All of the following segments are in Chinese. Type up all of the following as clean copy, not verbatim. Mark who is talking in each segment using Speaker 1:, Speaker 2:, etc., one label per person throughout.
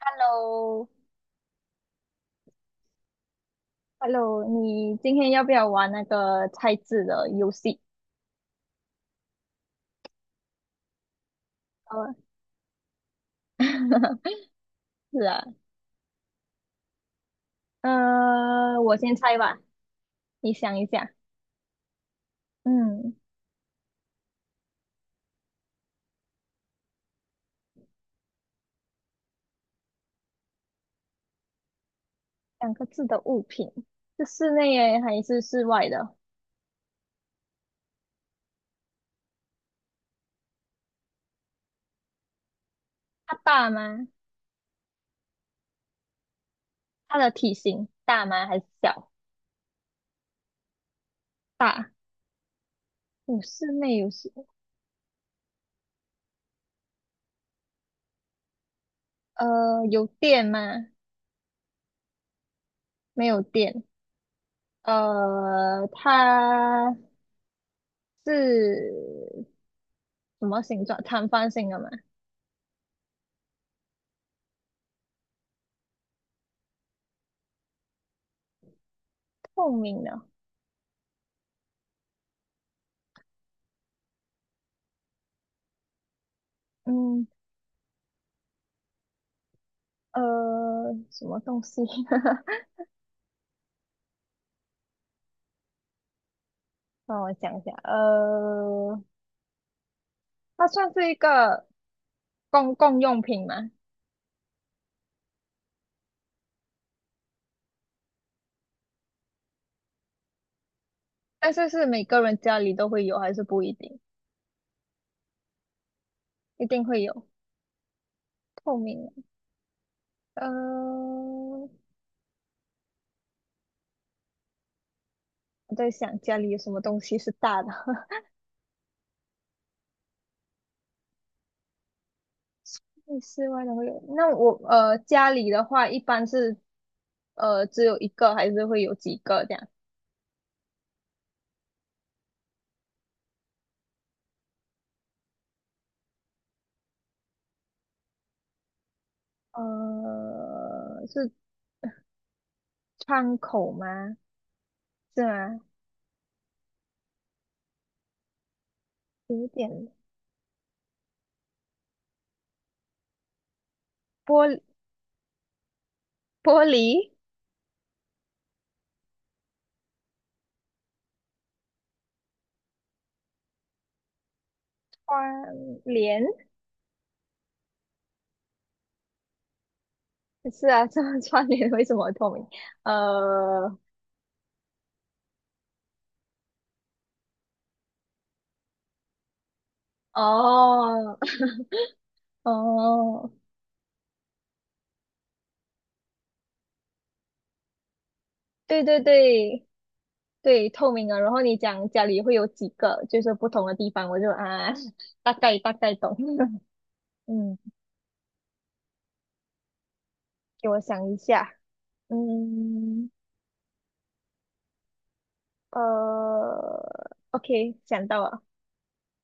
Speaker 1: Hello,Hello,你今天要不要玩那个猜字的游戏？呃，是啊，我先猜吧，你想一下。嗯，两个字的物品是室内耶还是室外的？它大吗？它的体型大吗？还是小？大。有室内有室，有电吗？没有电。它是什么形状？长方形的吗？透明的。嗯，什么东西？让我想一下。它算是一个公共用品吗？但是是每个人家里都会有，还是不一定？一定会有。透明的。呃，我在想家里有什么东西是大的。那室外的会有。那我家里的话，一般是只有一个，还是会有几个这样？是窗口吗？是吗？有点玻璃，玻璃。窗帘是啊，这么关联为什么透明？呃，哦，哦，对对对对，透明啊。然后你讲家里会有几个，就是不同的地方，我就啊，大概大概懂。嗯，给我想一下。嗯，OK，想到了，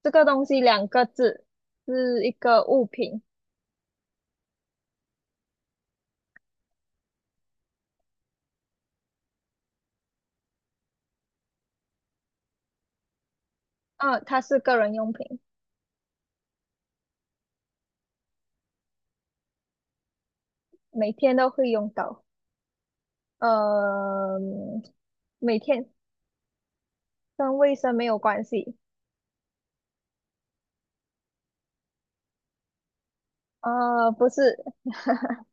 Speaker 1: 这个东西两个字，是一个物品。啊，它是个人用品，每天都会用到。呃，每天跟卫生没有关系。不是，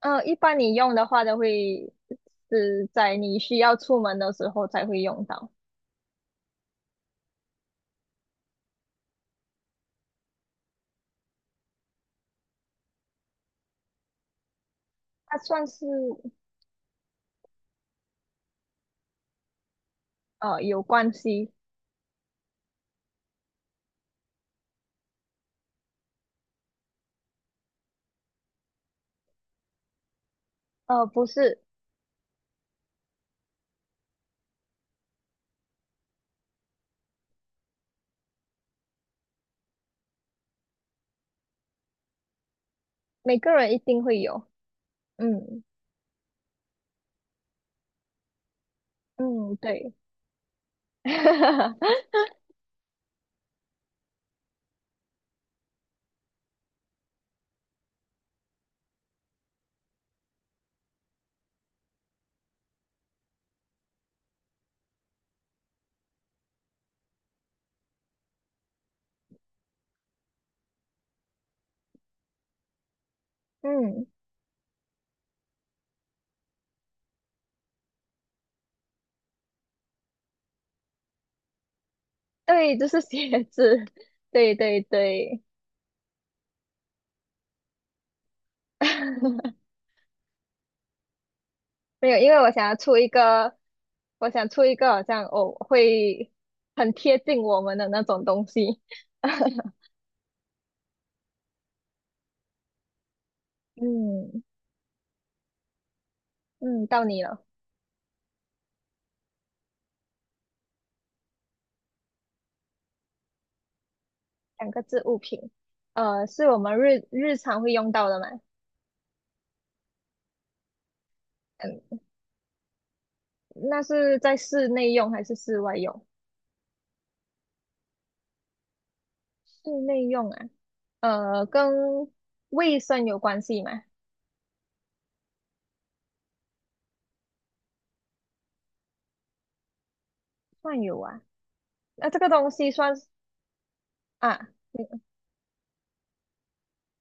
Speaker 1: 一般你用的话都会是在你需要出门的时候才会用到。它算是有关系，不是每个人一定会有。嗯嗯，对，嗯。对，就是鞋子，对对对，没有，因为我想要出一个，我想出一个好像哦会很贴近我们的那种东西。嗯嗯，到你了，两个字物品，是我们日日常会用到的吗？嗯，那是在室内用还是室外用？室内用啊，跟卫生有关系吗？算有啊，那这个东西算是啊。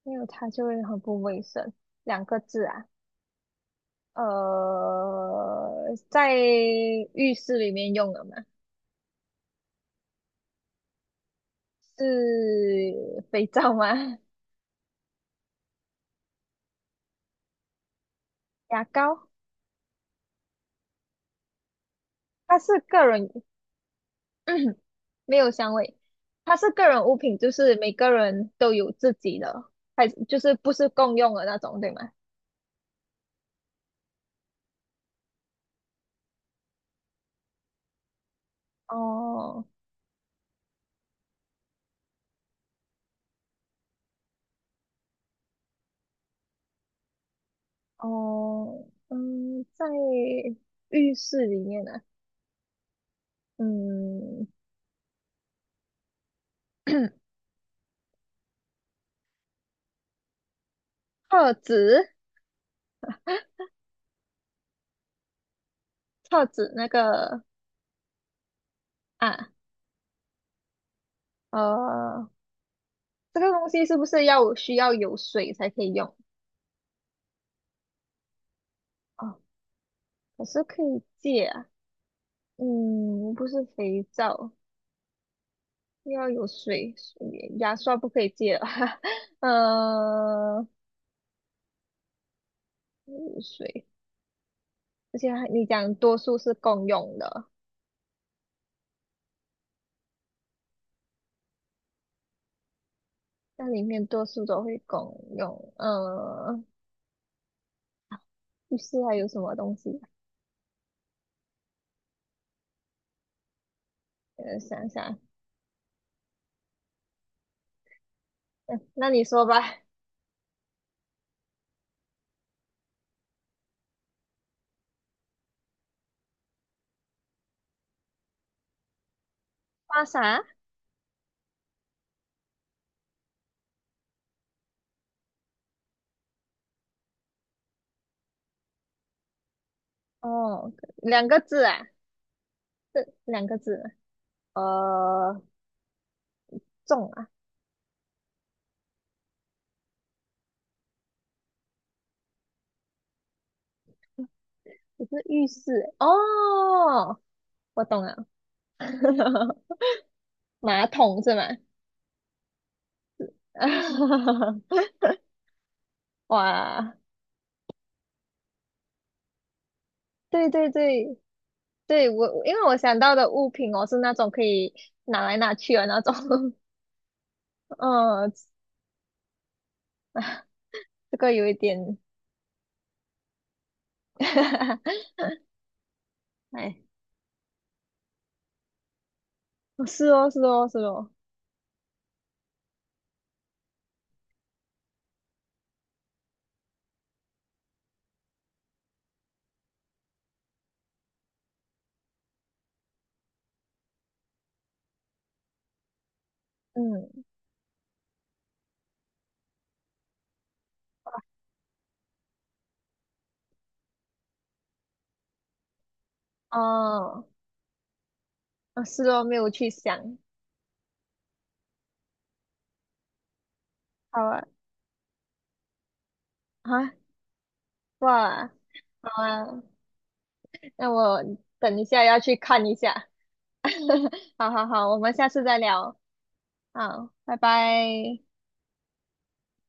Speaker 1: 没有它就会很不卫生。两个字啊，在浴室里面用的嘛，是肥皂吗？牙膏，它是个人，没有香味，它是个人物品，就是每个人都有自己的，还就是不是共用的那种，对吗？哦哦，嗯，在浴室里面呢、嗯，厕纸，厕纸那个啊。呃，这个东西是不是要需要有水才可以用？啊？可是可以借啊。嗯，不是肥皂，要有水，水牙刷不可以借了。呃，有水，而且还你讲多数是共用的，那里面多数都会共用。浴室还有什么东西啊？想想，嗯，那你说吧。花洒？哦，两个字啊，这两个字。呃，重。啊。不是浴室欸哦，我懂了，马桶是吗？哇，对对对对，我我因为我想到的物品哦是那种可以拿来拿去的那种，嗯，这个有一点，哎，哦是哦是哦是哦，嗯，哦，啊是哦，没有去想，好啊啊哇，好啊，那我等一下要去看一下，好好好，我们下次再聊。好，拜拜。